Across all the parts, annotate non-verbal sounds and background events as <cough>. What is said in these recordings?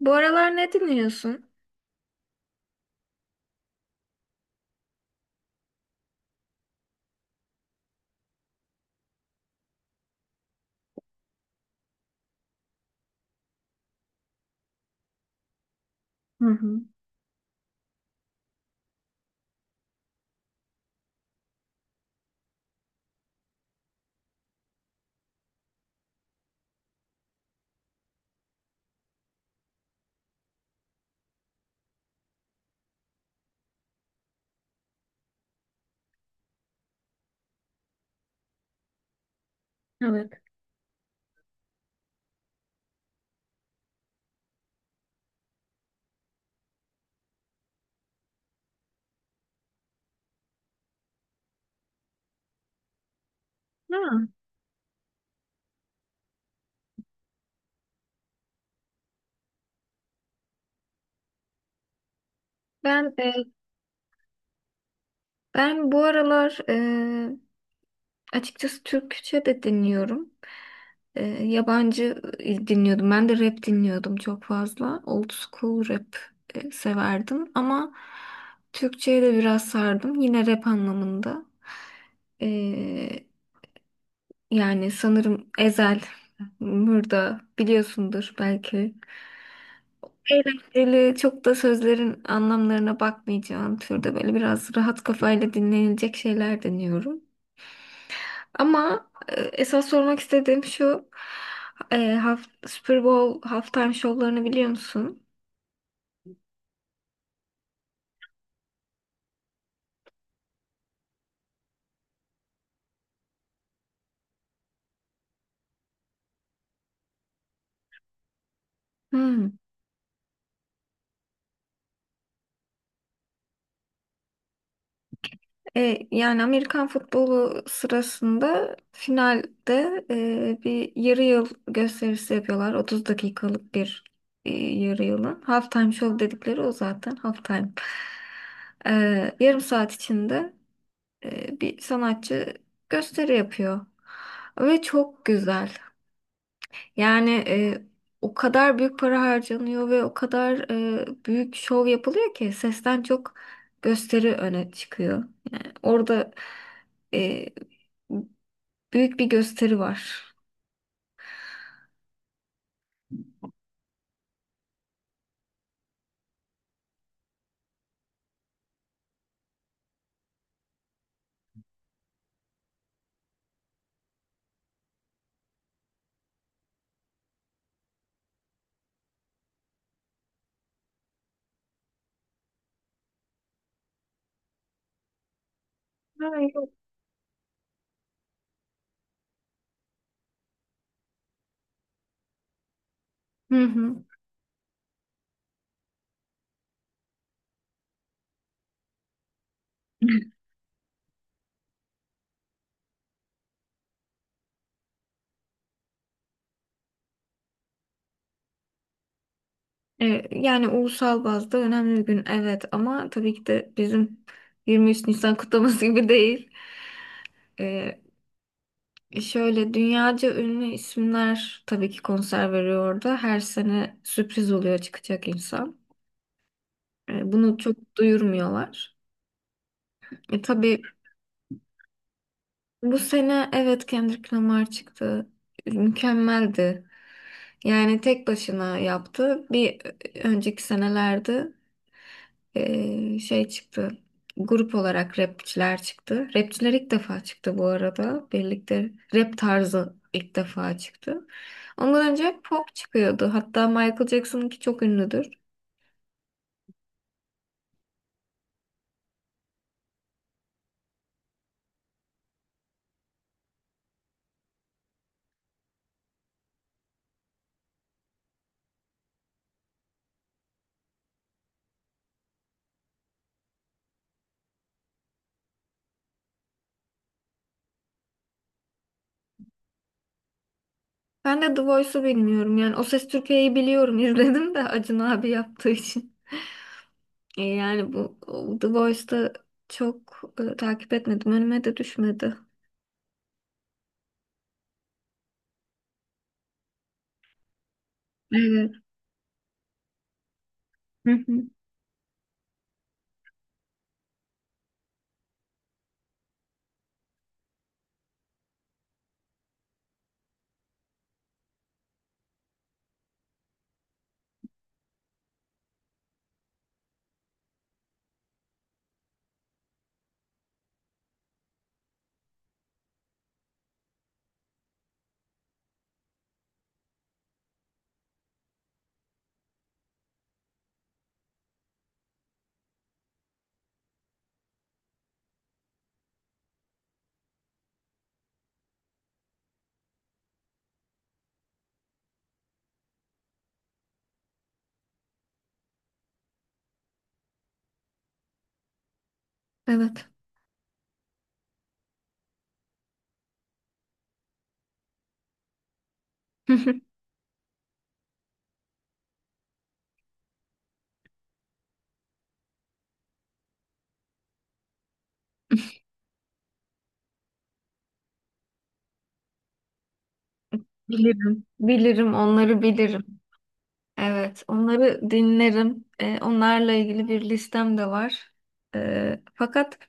Bu aralar ne dinliyorsun? Evet. Ha, ben bu aralar açıkçası Türkçe de dinliyorum. Yabancı dinliyordum. Ben de rap dinliyordum çok fazla. Old school rap severdim ama Türkçe'ye de biraz sardım. Yine rap anlamında. E, yani sanırım Ezel, Mürda biliyorsundur belki. Eğlenceli, çok da sözlerin anlamlarına bakmayacağın türde böyle biraz rahat kafayla dinlenilecek şeyler deniyorum. Ama esas sormak istediğim şu, e, haft Super Bowl halftime şovlarını biliyor musun? Hmm. E, yani Amerikan futbolu sırasında finalde bir yarı yıl gösterisi yapıyorlar. 30 dakikalık bir yarı yılın. Halftime show dedikleri o zaten halftime. E, yarım saat içinde bir sanatçı gösteri yapıyor. Ve çok güzel. Yani o kadar büyük para harcanıyor ve o kadar büyük şov yapılıyor ki sesten çok gösteri öne çıkıyor. Yani orada e, büyük bir gösteri var. Ha. Hı hı. E, yani ulusal bazda önemli bir gün, evet, ama tabii ki de bizim 23 Nisan kutlaması gibi değil. E, Şöyle dünyaca ünlü isimler tabii ki konser veriyor orada. Her sene sürpriz oluyor çıkacak insan. E, bunu çok duyurmuyorlar. Tabii bu sene, evet, Kendrick Lamar çıktı. Mükemmeldi. Yani tek başına yaptı. Önceki senelerde çıktı. Grup olarak rapçiler çıktı. Rapçiler ilk defa çıktı bu arada. Birlikte rap tarzı ilk defa çıktı. Ondan önce hep pop çıkıyordu. Hatta Michael Jackson'ınki çok ünlüdür. Ben de The Voice'u bilmiyorum. Yani O Ses Türkiye'yi biliyorum. <laughs> izledim de Acun abi yaptığı için. Yani bu o The Voice'da çok takip etmedim. Önüme de düşmedi. Evet. Hı hı. Evet. <laughs> Bilirim. Bilirim, onları bilirim. Evet, onları dinlerim. Onlarla ilgili bir listem de var. E, fakat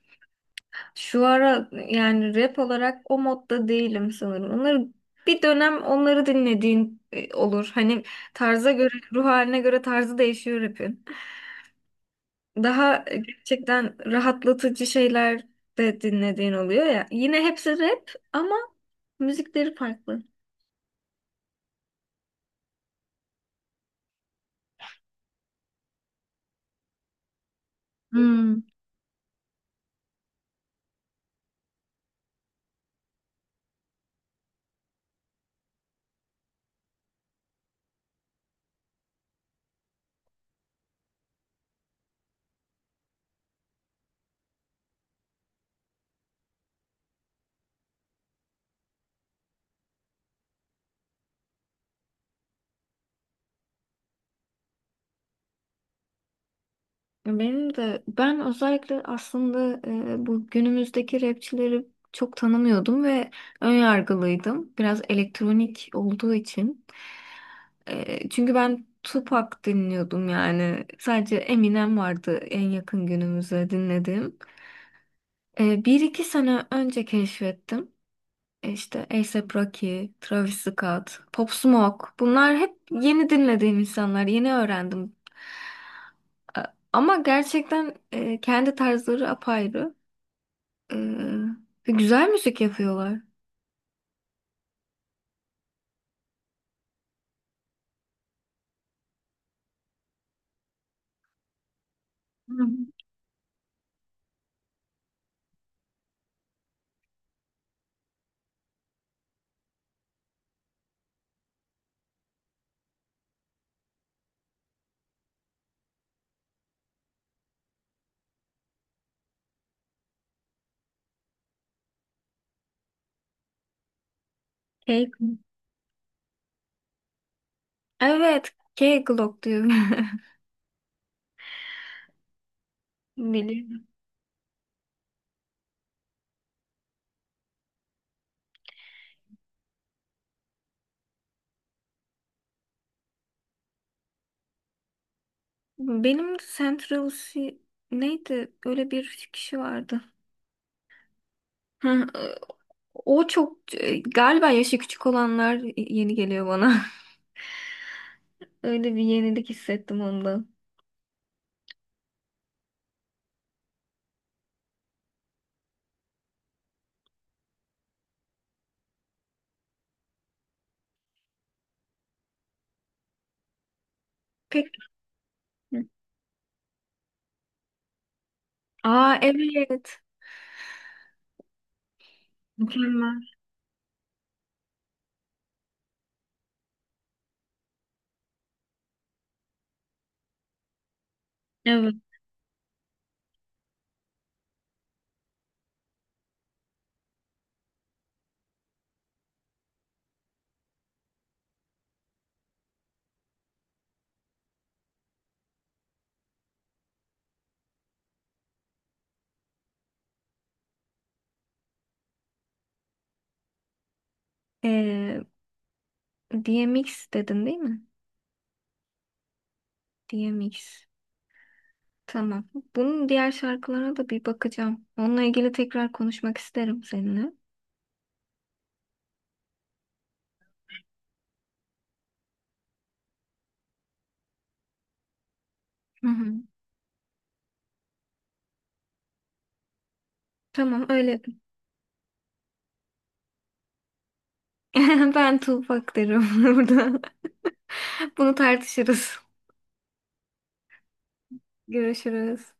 şu ara yani rap olarak o modda değilim sanırım. Onları bir dönem dinlediğin olur. Hani tarza göre, ruh haline göre tarzı değişiyor rapin. Daha gerçekten rahatlatıcı şeyler de dinlediğin oluyor ya. Yine hepsi rap ama müzikleri farklı. Hmm. Ben özellikle aslında bu günümüzdeki rapçileri çok tanımıyordum ve önyargılıydım. Biraz elektronik olduğu için. E, çünkü ben Tupac dinliyordum yani. Sadece Eminem vardı en yakın günümüze dinlediğim. E, bir iki sene önce keşfettim. E, İşte A$AP Rocky, Travis Scott, Pop Smoke. Bunlar hep yeni dinlediğim insanlar. Yeni öğrendim. E, ama gerçekten kendi tarzları apayrı. E, ve güzel müzik yapıyorlar. Hı. Cake mi? Evet, K-Glock diyor. <laughs> Biliyorum. Benim de Central C neydi? Öyle bir kişi vardı. Hı. e, O çok galiba yaşı küçük olanlar yeni geliyor bana. <laughs> Öyle bir yenilik hissettim ondan. Pek. Hı. Aa, evet. Mükemmel. Evet. Ee, DMX dedin değil mi? DMX. Tamam. Bunun diğer şarkılarına da bir bakacağım. Onunla ilgili tekrar konuşmak isterim seninle. Hı hı. Tamam öyle. <laughs> Ben Tuğbak derim <laughs> burada. Bunu tartışırız. Görüşürüz.